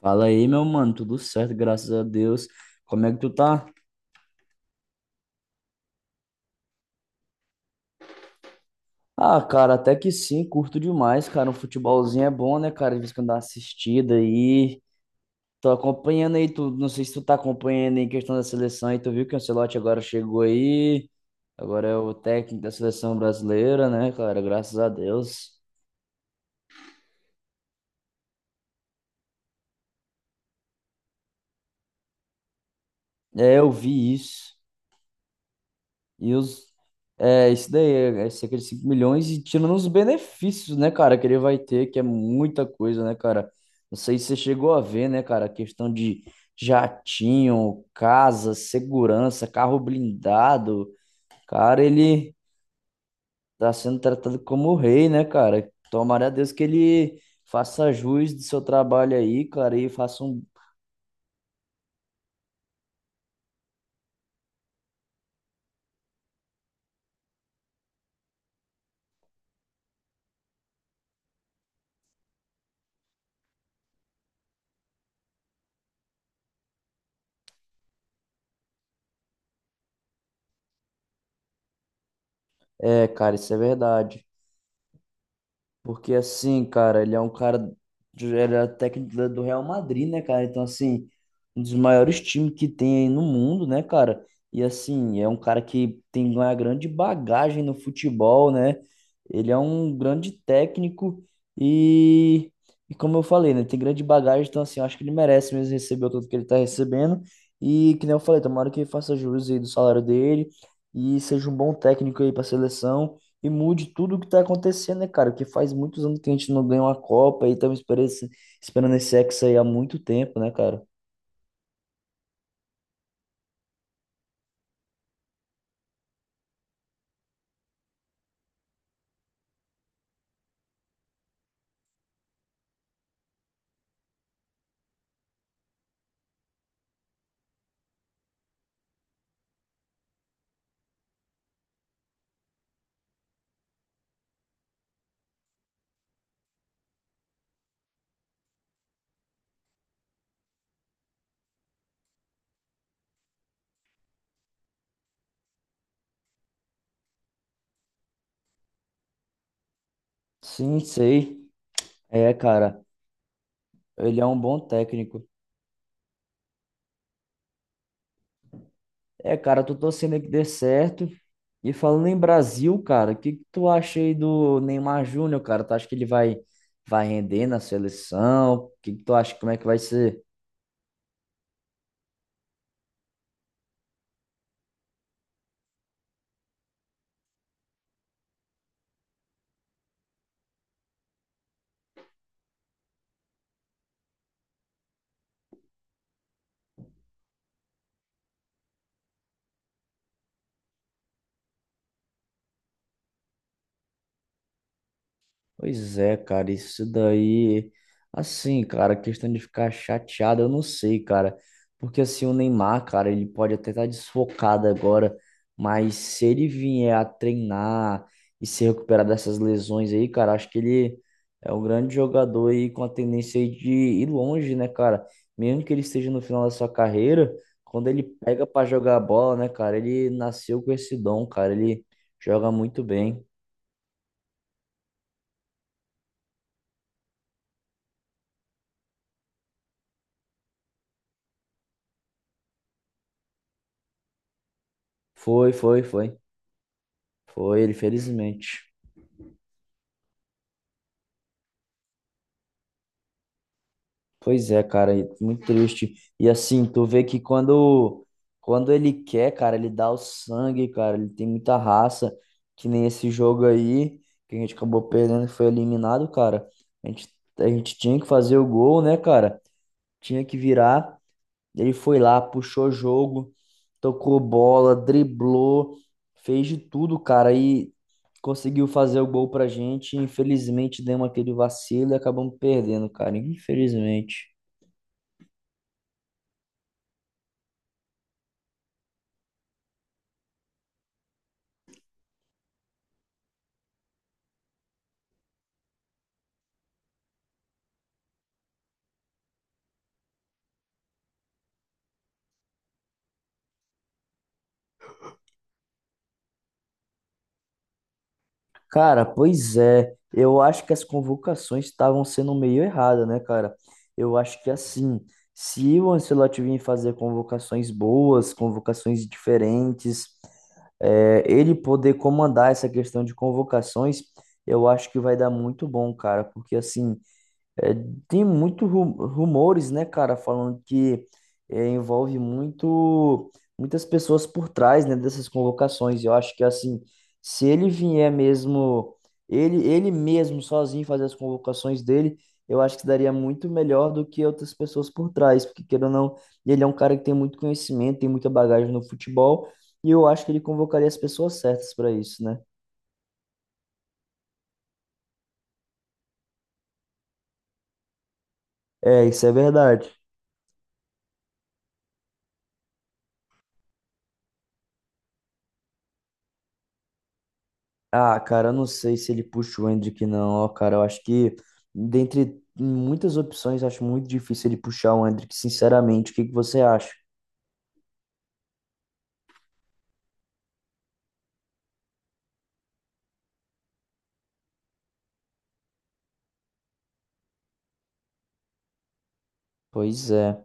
Fala aí, meu mano, tudo certo, graças a Deus. Como é que tu tá? Ah, cara, até que sim, curto demais, cara. Um futebolzinho é bom, né, cara? De vez em quando dá uma assistida aí. Tô acompanhando aí, tu, não sei se tu tá acompanhando aí em questão da seleção aí, tu viu que o Ancelotti agora chegou aí. Agora é o técnico da seleção brasileira, né, cara? Graças a Deus. É, eu vi isso. E os. É, isso daí, é cerca de 5 milhões e tirando os benefícios, né, cara, que ele vai ter, que é muita coisa, né, cara? Não sei se você chegou a ver, né, cara, a questão de jatinho, casa, segurança, carro blindado. Cara, ele tá sendo tratado como o rei, né, cara? Tomara a Deus que ele faça jus do seu trabalho aí, cara, e faça um. É, cara, isso é verdade. Porque assim, cara, ele é um cara. Ele é técnico do Real Madrid, né, cara? Então, assim, um dos maiores times que tem aí no mundo, né, cara? E assim, é um cara que tem uma grande bagagem no futebol, né? Ele é um grande técnico e, e como eu falei, né? Tem grande bagagem, então assim, eu acho que ele merece mesmo receber o tanto que ele tá recebendo. E que nem eu falei, tomara que ele faça jus aí do salário dele e seja um bom técnico aí pra seleção e mude tudo o que tá acontecendo, né, cara? Porque faz muitos anos que a gente não ganha uma Copa e estamos esperando esperando esse Hexa aí há muito tempo, né, cara? Sim, sei. É, cara, ele é um bom técnico. É, cara, tô torcendo aí que dê certo. E falando em Brasil, cara, o que que tu acha aí do Neymar Júnior, cara? Tu acha que ele vai render na seleção? O que que tu acha? Como é que vai ser? Pois é, cara, isso daí, assim, cara, questão de ficar chateado, eu não sei, cara, porque assim, o Neymar, cara, ele pode até estar desfocado agora, mas se ele vier a treinar e se recuperar dessas lesões aí, cara, acho que ele é um grande jogador aí com a tendência aí de ir longe, né, cara? Mesmo que ele esteja no final da sua carreira, quando ele pega pra jogar bola, né, cara, ele nasceu com esse dom, cara, ele joga muito bem. Foi, foi, foi. Foi ele, felizmente. Pois é, cara, e muito triste. E assim, tu vê que quando, quando ele quer, cara, ele dá o sangue, cara, ele tem muita raça, que nem esse jogo aí, que a gente acabou perdendo e foi eliminado, cara. A gente, a gente tinha que fazer o gol, né, cara? Tinha que virar. Ele foi lá, puxou jogo, tocou bola, driblou, fez de tudo, cara, e conseguiu fazer o gol pra gente. Infelizmente, demos aquele vacilo e acabamos perdendo, cara. Infelizmente. Cara, pois é. Eu acho que as convocações estavam sendo meio erradas, né, cara? Eu acho que assim, se o Ancelotti vir fazer convocações boas, convocações diferentes, ele poder comandar essa questão de convocações, eu acho que vai dar muito bom, cara, porque assim, é, tem muitos rumores, né, cara, falando que envolve muito muitas pessoas por trás, né, dessas convocações. Eu acho que assim, se ele vier mesmo, ele mesmo sozinho fazer as convocações dele, eu acho que daria muito melhor do que outras pessoas por trás, porque queira ou não, ele é um cara que tem muito conhecimento, tem muita bagagem no futebol, e eu acho que ele convocaria as pessoas certas para isso, né? É, isso é verdade. Ah, cara, eu não sei se ele puxa o Hendrick, não, ó, cara. Eu acho que, dentre muitas opções, eu acho muito difícil ele puxar o Hendrick, sinceramente. O que que você acha? Pois é.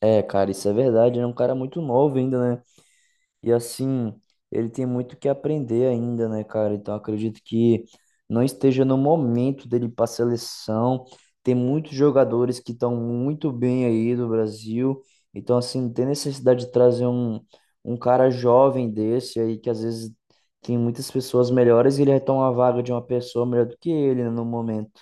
É, cara, isso é verdade. Ele é um cara muito novo ainda. E assim, ele tem muito que aprender ainda, né, cara? Então acredito que não esteja no momento dele ir para a seleção. Tem muitos jogadores que estão muito bem aí do Brasil. Então, assim, não tem necessidade de trazer um cara jovem desse aí, que às vezes tem muitas pessoas melhores e ele retoma a vaga de uma pessoa melhor do que ele, né, no momento.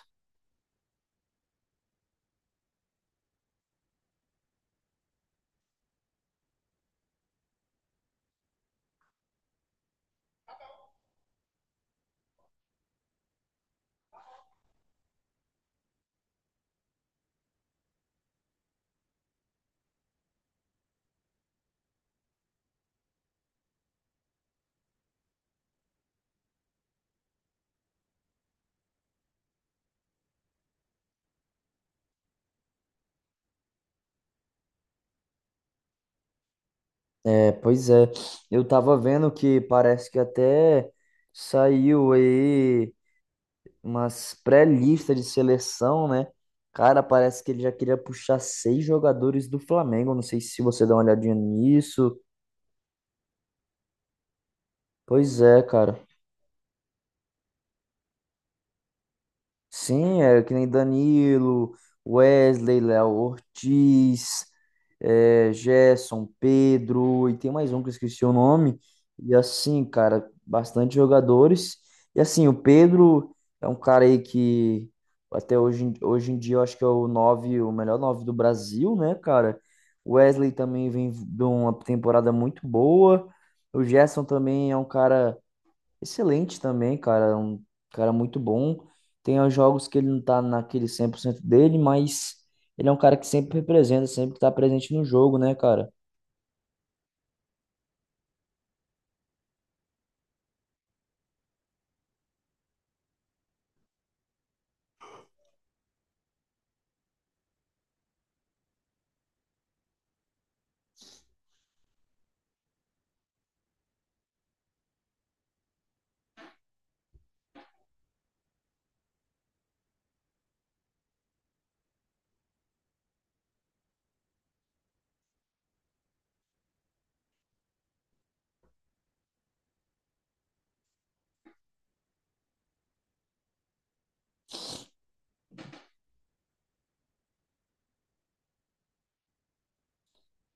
É, pois é. Eu tava vendo que parece que até saiu aí umas pré-lista de seleção, né? Cara, parece que ele já queria puxar 6 jogadores do Flamengo. Não sei se você dá uma olhadinha nisso. Pois é, cara. Sim, é que nem Danilo, Wesley, Léo Ortiz, Gerson, Pedro, e tem mais um que eu esqueci o nome. E assim, cara, bastante jogadores. E assim, o Pedro é um cara aí que hoje em dia eu acho que é o nove, o melhor nove do Brasil, né, cara? O Wesley também vem de uma temporada muito boa. O Gerson também é um cara excelente também, cara. Um cara muito bom. Tem os jogos que ele não tá naquele 100% dele, mas ele é um cara que sempre representa, sempre tá presente no jogo, né, cara?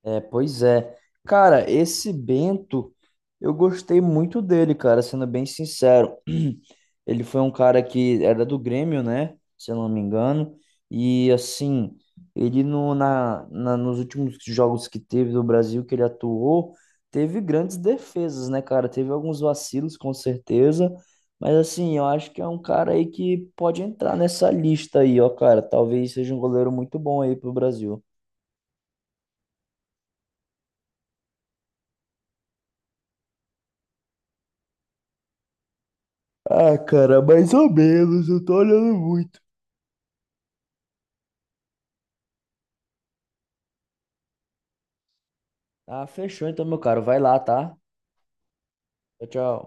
É, pois é. Cara, esse Bento, eu gostei muito dele, cara, sendo bem sincero. Ele foi um cara que era do Grêmio, né? Se eu não me engano. E assim, ele no, na, na- nos últimos jogos que teve do Brasil que ele atuou, teve grandes defesas, né, cara? Teve alguns vacilos, com certeza. Mas assim, eu acho que é um cara aí que pode entrar nessa lista aí, ó, cara. Talvez seja um goleiro muito bom aí pro Brasil. Ah, cara, mais ou menos, eu tô olhando muito. Ah, fechou então, meu caro. Vai lá, tá? Tchau, tchau.